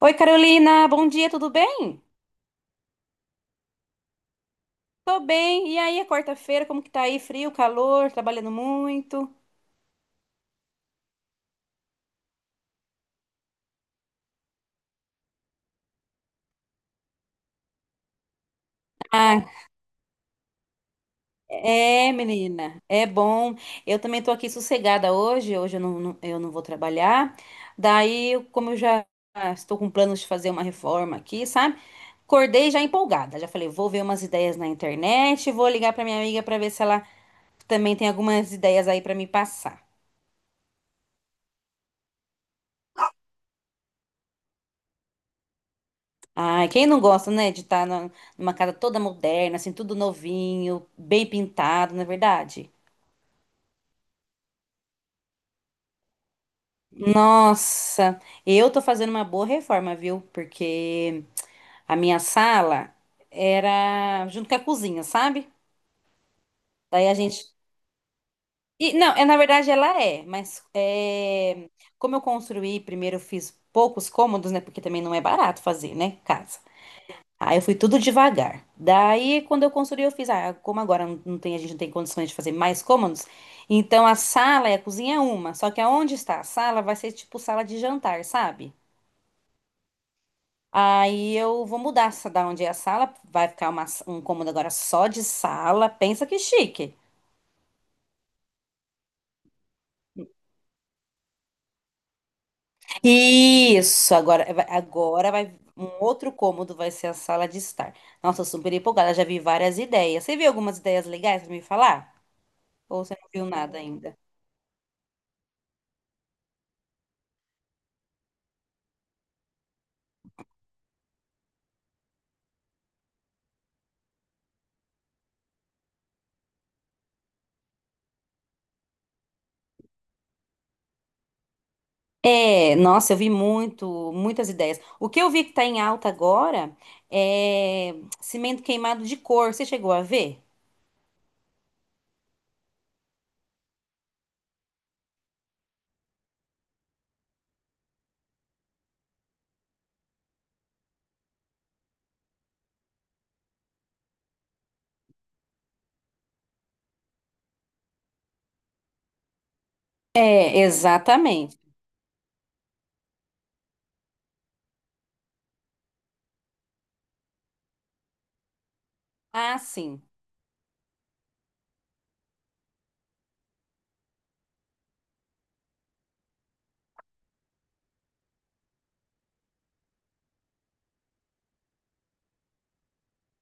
Oi, Carolina, bom dia, tudo bem? Tô bem. E aí, é quarta-feira, como que tá aí? Frio, calor, trabalhando muito? Ah, é, menina, é bom. Eu também tô aqui sossegada hoje, hoje eu não vou trabalhar. Como eu já estou com planos de fazer uma reforma aqui, sabe? Acordei já empolgada, já falei, vou ver umas ideias na internet, vou ligar pra minha amiga pra ver se ela também tem algumas ideias aí pra me passar. Ai, quem não gosta, né, de estar numa casa toda moderna, assim, tudo novinho, bem pintado, não é verdade? Nossa, eu tô fazendo uma boa reforma, viu? Porque a minha sala era junto com a cozinha, sabe? Daí a gente. E, não, é, na verdade ela é, mas é, como eu construí, primeiro eu fiz poucos cômodos, né? Porque também não é barato fazer, né? Casa. Aí eu fui tudo devagar. Daí, quando eu construí, eu fiz, ah, como agora não tem, a gente não tem condições de fazer mais cômodos, então a sala e a cozinha é uma, só que aonde está a sala vai ser tipo sala de jantar, sabe? Aí eu vou mudar essa da onde é a sala, vai ficar uma, um cômodo agora só de sala, pensa que chique. Isso, agora, agora vai, um outro cômodo vai ser a sala de estar. Nossa, eu super empolgada, já vi várias ideias. Você viu algumas ideias legais pra me falar? Ou você não viu nada ainda? É, nossa, eu vi muito, muitas ideias. O que eu vi que tá em alta agora é cimento queimado de cor. Você chegou a ver? É, exatamente. Ah, sim.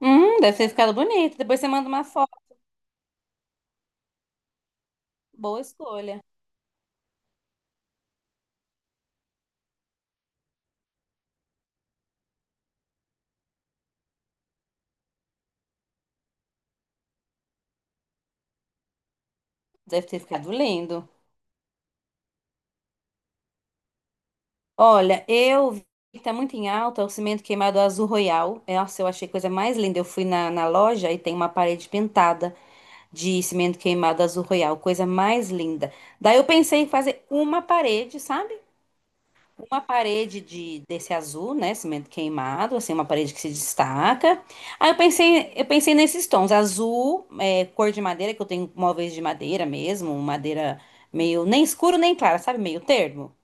Deve ter ficado bonito. Depois você manda uma foto. Boa escolha. Deve ter ficado lindo. Olha, eu vi que tá muito em alta o cimento queimado azul royal. Nossa, eu achei a coisa mais linda. Eu fui na loja e tem uma parede pintada de cimento queimado azul royal. Coisa mais linda. Daí eu pensei em fazer uma parede, sabe? Uma parede de, desse azul, né? Cimento queimado, assim, uma parede que se destaca. Aí eu pensei nesses tons, azul, é, cor de madeira, que eu tenho móveis de madeira mesmo, madeira meio nem escuro nem clara, sabe? Meio termo.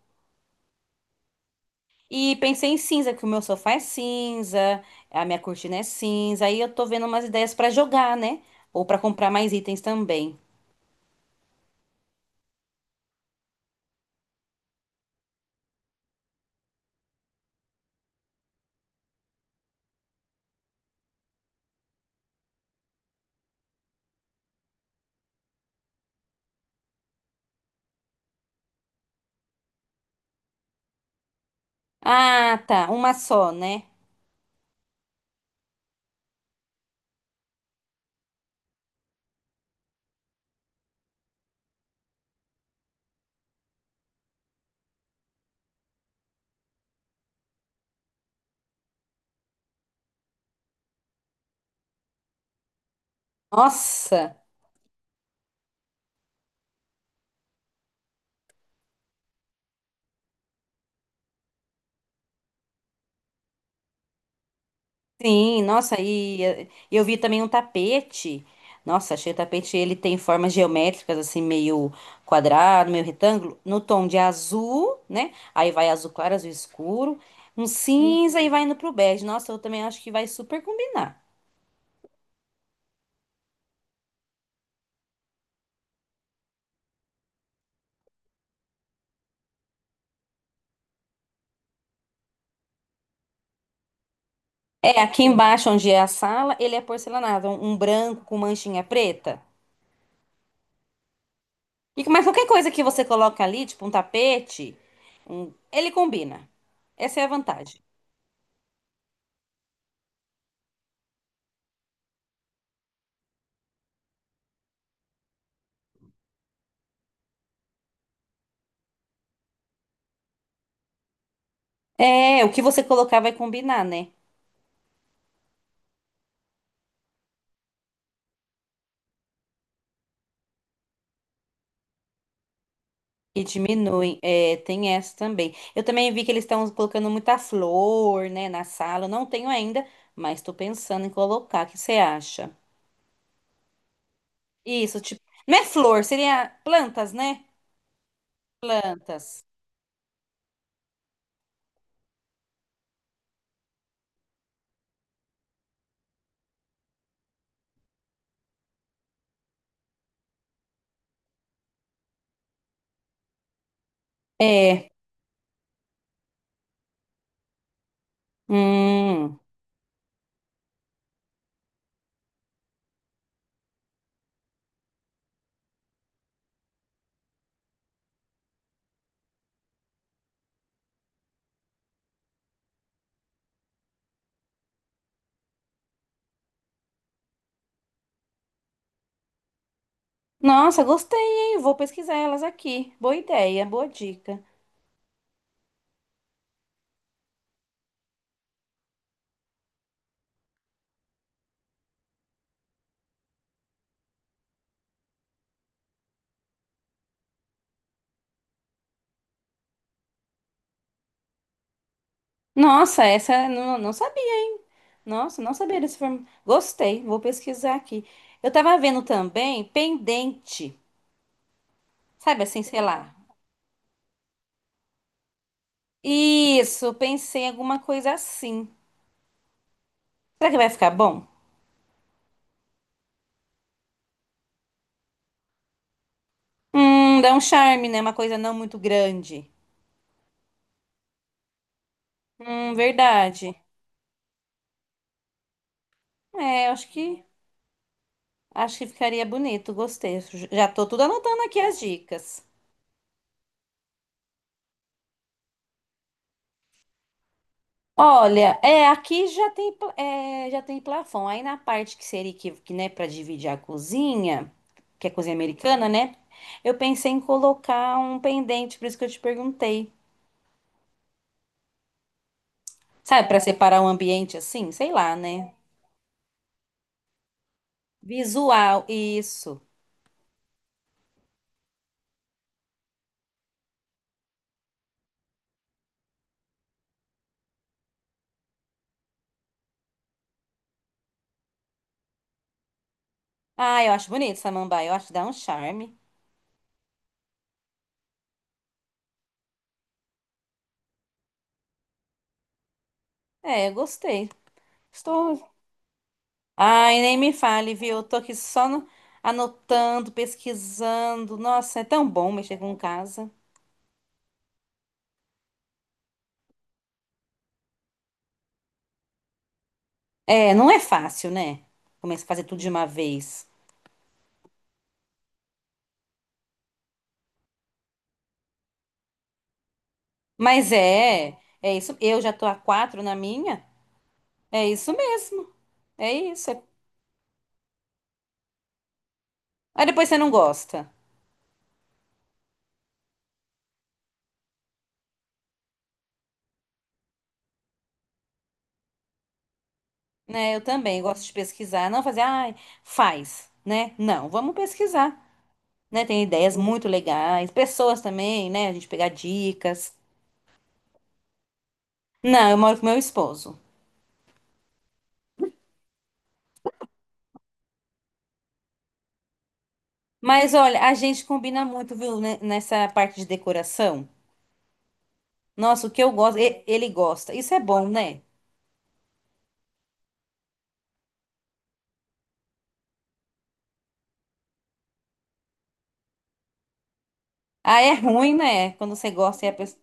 E pensei em cinza, que o meu sofá é cinza, a minha cortina é cinza. Aí eu tô vendo umas ideias pra jogar, né? Ou pra comprar mais itens também. Ah, tá, uma só, né? Nossa! Sim, nossa, e eu vi também um tapete. Nossa, achei o tapete, ele tem formas geométricas, assim, meio quadrado, meio retângulo, no tom de azul, né? Aí vai azul claro, azul escuro, um cinza e vai indo pro bege. Nossa, eu também acho que vai super combinar. É, aqui embaixo, onde é a sala, ele é porcelanado, um branco com manchinha preta. Mas qualquer coisa que você coloca ali, tipo um tapete, ele combina. Essa é a vantagem. É, o que você colocar vai combinar, né? E diminuem. É, tem essa também. Eu também vi que eles estão colocando muita flor, né, na sala. Eu não tenho ainda, mas tô pensando em colocar. O que você acha? Isso, tipo, não é flor, seria plantas, né? Plantas. É. Hum. Nossa, gostei, hein? Vou pesquisar elas aqui. Boa ideia, boa dica. Nossa, essa eu não sabia, hein? Nossa, não sabia desse form... Gostei, vou pesquisar aqui. Eu tava vendo também pendente. Sabe assim, sei lá. Isso, pensei em alguma coisa assim. Será que vai ficar bom? Dá um charme, né? Uma coisa não muito grande. Verdade. É, eu acho que ficaria bonito. Gostei. Já tô tudo anotando aqui as dicas. Olha, é, aqui já tem já tem plafon. Aí na parte que seria que né, para dividir a cozinha, que é cozinha americana, né? Eu pensei em colocar um pendente, por isso que eu te perguntei. Sabe, para separar o ambiente assim, sei lá, né? Visual, isso. Ah, eu acho bonito samambaia, eu acho que dá um charme. É, eu gostei. Estou. Ai, nem me fale, viu? Eu tô aqui só no- anotando, pesquisando. Nossa, é tão bom mexer com casa. É, não é fácil, né? Começa a fazer tudo de uma vez. Mas é, é isso. Eu já tô a quatro na minha. É isso mesmo. É isso. É- Aí depois você não gosta, né? Eu também gosto de pesquisar, não fazer, ai, faz, né? Não, vamos pesquisar. Né? Tem ideias muito legais, pessoas também, né? A gente pegar dicas. Não, eu moro com meu esposo. Mas olha, a gente combina muito, viu, né, nessa parte de decoração. Nossa, o que ele gosta. Isso é bom, né? Ah, é ruim, né? Quando você gosta e a pessoa...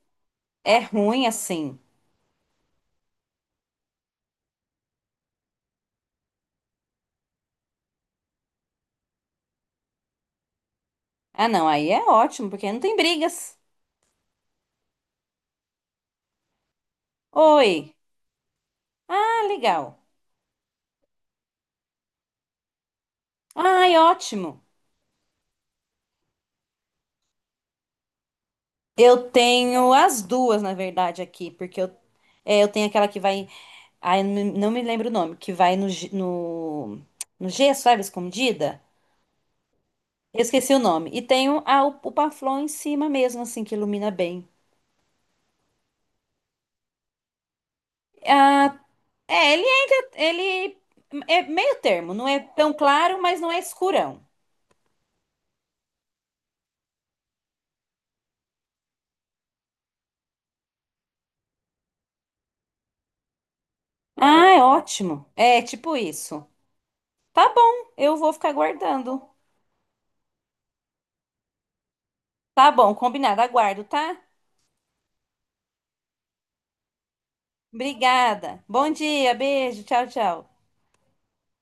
é ruim assim. Ah, não, aí é ótimo, porque não tem brigas. Oi. Ah, legal. Ai, ótimo. Eu tenho as duas, na verdade, aqui, porque eu tenho aquela que vai. Ai, não me lembro o nome, que vai no gesso, sabe, escondida? Eu esqueci o nome. E tenho o Paflon em cima mesmo, assim, que ilumina bem. Ah, é, ele entra. Ele é meio termo, não é tão claro, mas não é escurão. Ah, é ótimo. É tipo isso. Tá bom, eu vou ficar aguardando. Tá bom, combinado, aguardo, tá? Obrigada. Bom dia, beijo, tchau, tchau.